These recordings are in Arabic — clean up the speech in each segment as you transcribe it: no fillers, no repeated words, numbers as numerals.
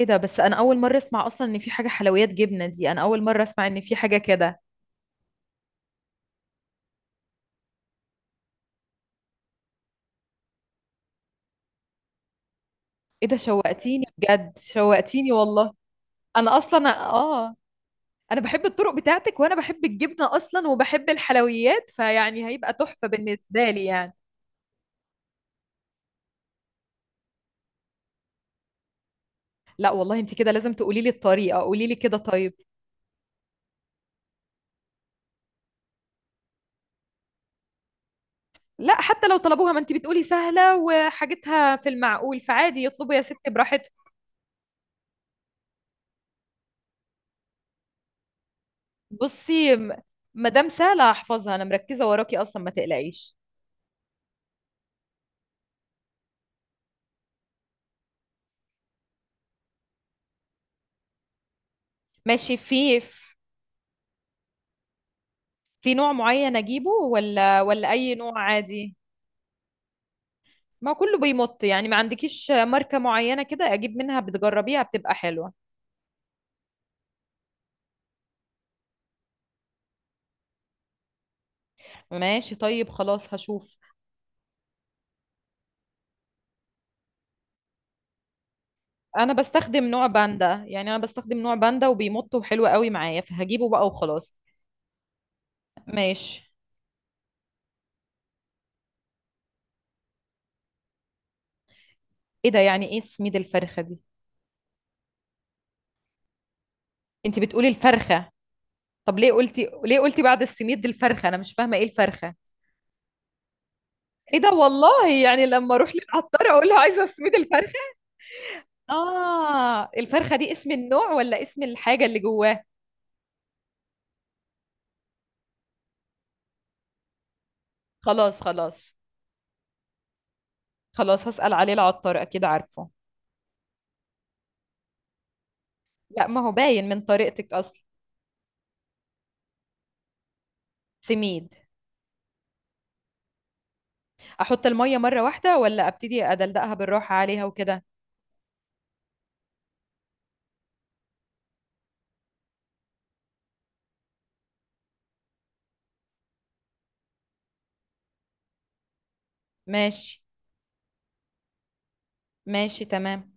ايه ده، بس انا اول مره اسمع اصلا ان في حاجه حلويات جبنه دي. انا اول مره اسمع ان في حاجه كده. ايه ده، شوقتيني بجد، شوقتيني والله. انا اصلا اه. انا بحب الطرق بتاعتك، وانا بحب الجبنه اصلا وبحب الحلويات، فيعني هيبقى تحفه بالنسبه لي يعني. لا والله، انت كده لازم تقولي لي الطريقه، قولي لي كده طيب. لا، حتى لو طلبوها، ما انت بتقولي سهله وحاجتها في المعقول، فعادي يطلبوا يا ستي براحتهم. بصي م- مادام سهله هحفظها، انا مركزه وراكي اصلا، ما تقلقيش. ماشي، في في نوع معين اجيبه ولا اي نوع عادي؟ ما كله بيمط يعني، ما عندكيش ماركة معينة كده اجيب منها بتجربيها بتبقى حلوة؟ ماشي طيب، خلاص هشوف. انا بستخدم نوع باندا، يعني انا بستخدم نوع باندا وبيمط وحلو قوي معايا، فهجيبه بقى وخلاص. ماشي. ايه ده، يعني ايه سميد الفرخة دي؟ انت بتقولي الفرخة؟ طب ليه قلتي، ليه قلتي بعد السميد الفرخة؟ انا مش فاهمة ايه الفرخة. ايه ده والله، يعني لما اروح للعطار اقول له عايزة سميد الفرخة؟ آه، الفرخة دي اسم النوع ولا اسم الحاجة اللي جواه؟ خلاص خلاص، خلاص هسأل عليه العطار أكيد عارفه. لا، ما هو باين من طريقتك أصلا. سميد. أحط المية مرة واحدة ولا أبتدي أدلدقها بالراحة عليها وكده؟ ماشي. ماشي تمام.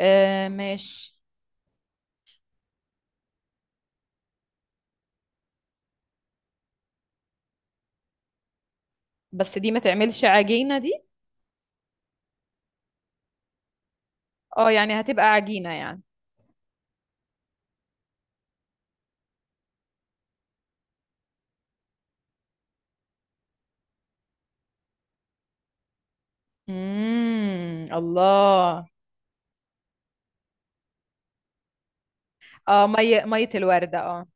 آه ماشي. بس دي ما تعملش عجينة دي. اه، يعني هتبقى عجينة يعني. امم، الله. اه، مية، مية الوردة، اه.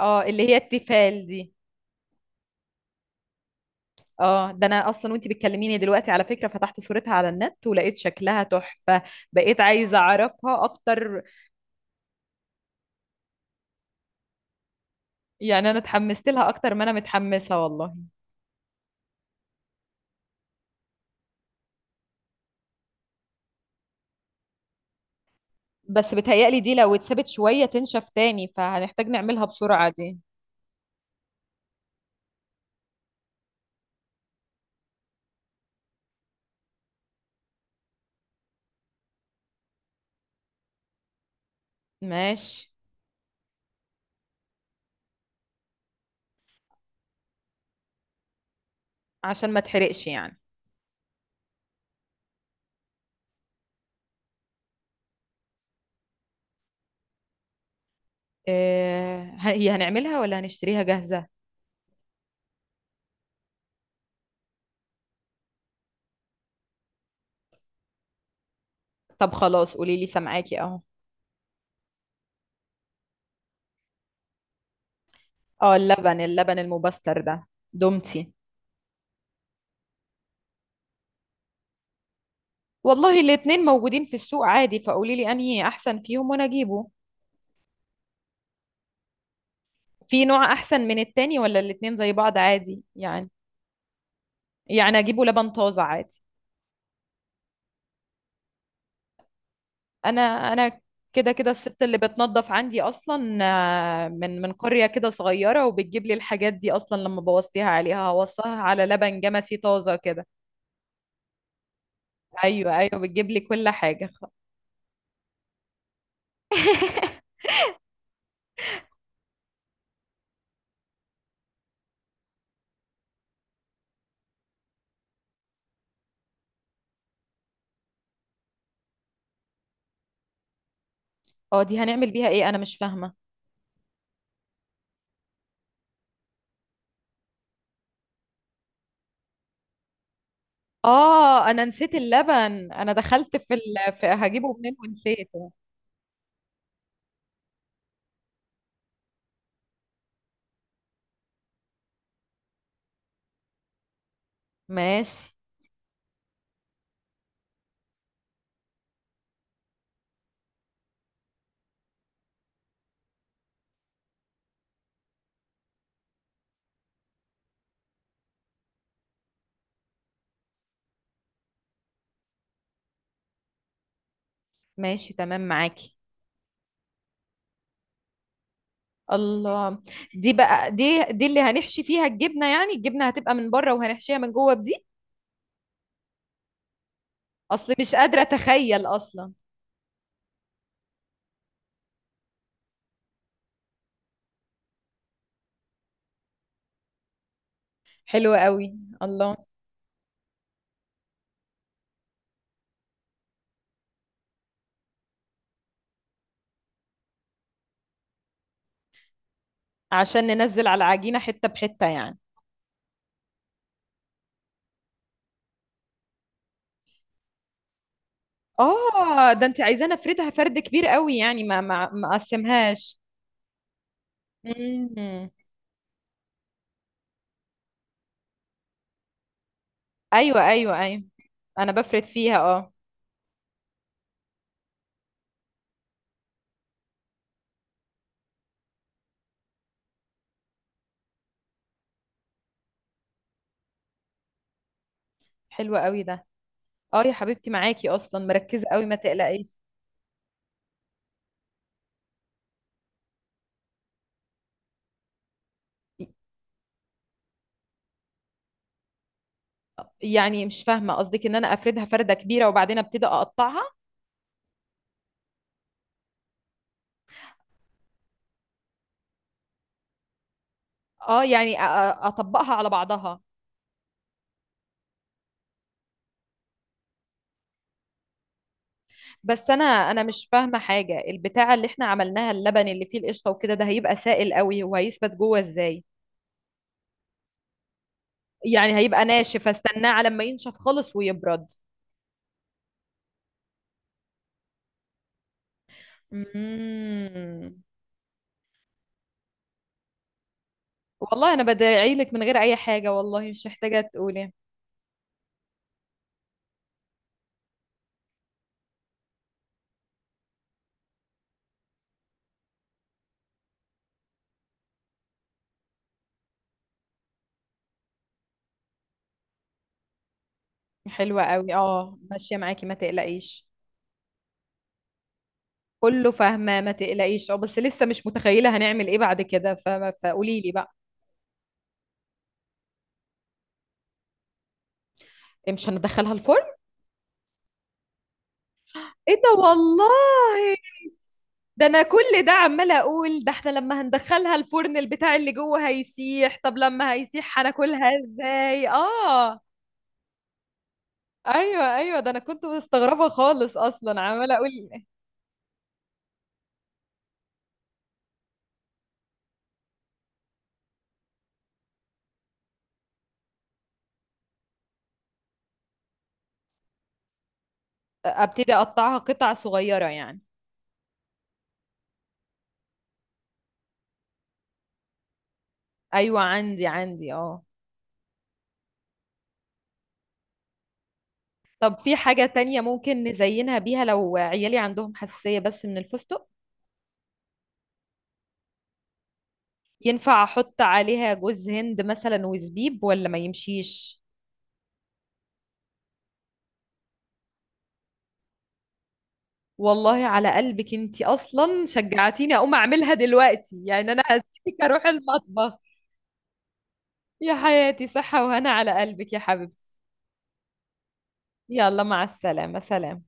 اه، اللي هي التيفال دي. اه، ده انا اصلا وانتي بتكلميني دلوقتي على فكره فتحت صورتها على النت، ولقيت شكلها تحفه. بقيت عايزه اعرفها اكتر، يعني انا اتحمست لها اكتر ما انا متحمسه والله. بس بتهيألي دي لو اتسابت شويه تنشف تاني، فهنحتاج نعملها بسرعه دي. ماشي. عشان ما تحرقش يعني. إيه هي، هنعملها ولا هنشتريها جاهزه؟ طب خلاص، قولي لي سامعاكي اهو. اه، اللبن، اللبن المبستر ده. دومتي. والله الاتنين موجودين في السوق عادي، فقولي لي انهي احسن فيهم وانا اجيبه. في نوع احسن من التاني ولا الاتنين زي بعض عادي يعني؟ يعني اجيبه لبن طازة عادي؟ انا انا كده كده الست اللي بتنظف عندي اصلا آه، من قرية كده صغيرة وبتجيب لي الحاجات دي اصلا، لما بوصيها عليها هوصيها على لبن جمسي طازة كده. ايوه ايوه، بتجيب لي كل حاجة. اه، دي هنعمل بيها ايه؟ انا مش فاهمة. اه، انا نسيت اللبن، انا دخلت في هجيبه منين ونسيته. ماشي. ماشي تمام معاكي. الله. دي بقى، دي اللي هنحشي فيها الجبنة يعني؟ الجبنة هتبقى من بره وهنحشيها من جوه بدي. اصل مش قادرة اتخيل اصلا. حلوة قوي. الله. عشان ننزل على العجينة حتة بحتة يعني؟ اه، ده انت عايزاني افردها فرد كبير قوي يعني، ما اقسمهاش. مم. ايوه ايوه ايوه، انا بفرد فيها اه. حلوة قوي ده. اه يا حبيبتي، معاكي اصلا، مركزة قوي ما تقلقيش. يعني مش فاهمة قصدك، ان انا افردها فردة كبيرة وبعدين ابتدي اقطعها؟ اه يعني اطبقها على بعضها. بس انا مش فاهمه حاجه، البتاعه اللي احنا عملناها اللبن اللي فيه القشطه وكده، ده هيبقى سائل قوي، وهيثبت جوه ازاي؟ يعني هيبقى ناشف، استناه على ما ينشف خالص ويبرد؟ مم. والله انا بدعي لك من غير اي حاجه والله، مش محتاجه تقولي. حلوه قوي اه، ماشيه معاكي ما تقلقيش. كله فاهمه ما تقلقيش، اه بس لسه مش متخيله هنعمل ايه بعد كده فقولي لي بقى. إيه، مش هندخلها الفرن؟ ايه ده والله، ده انا كل ده عماله اقول ده احنا لما هندخلها الفرن البتاع اللي جوه هيسيح، طب لما هيسيح هناكلها ازاي اه. ايوه ايوه، ده انا كنت مستغربه خالص اصلا، عماله اقول. ابتدي اقطعها قطع صغيره يعني؟ ايوه عندي عندي اه. طب في حاجه تانية ممكن نزينها بيها لو عيالي عندهم حساسيه بس من الفستق؟ ينفع احط عليها جوز هند مثلا وزبيب ولا ما يمشيش؟ والله على قلبك انتي، اصلا شجعتيني اقوم اعملها دلوقتي، يعني انا هسيبك اروح المطبخ. يا حياتي، صحة وهنا على قلبك يا حبيبتي. يلا، مع السلامة، سلام.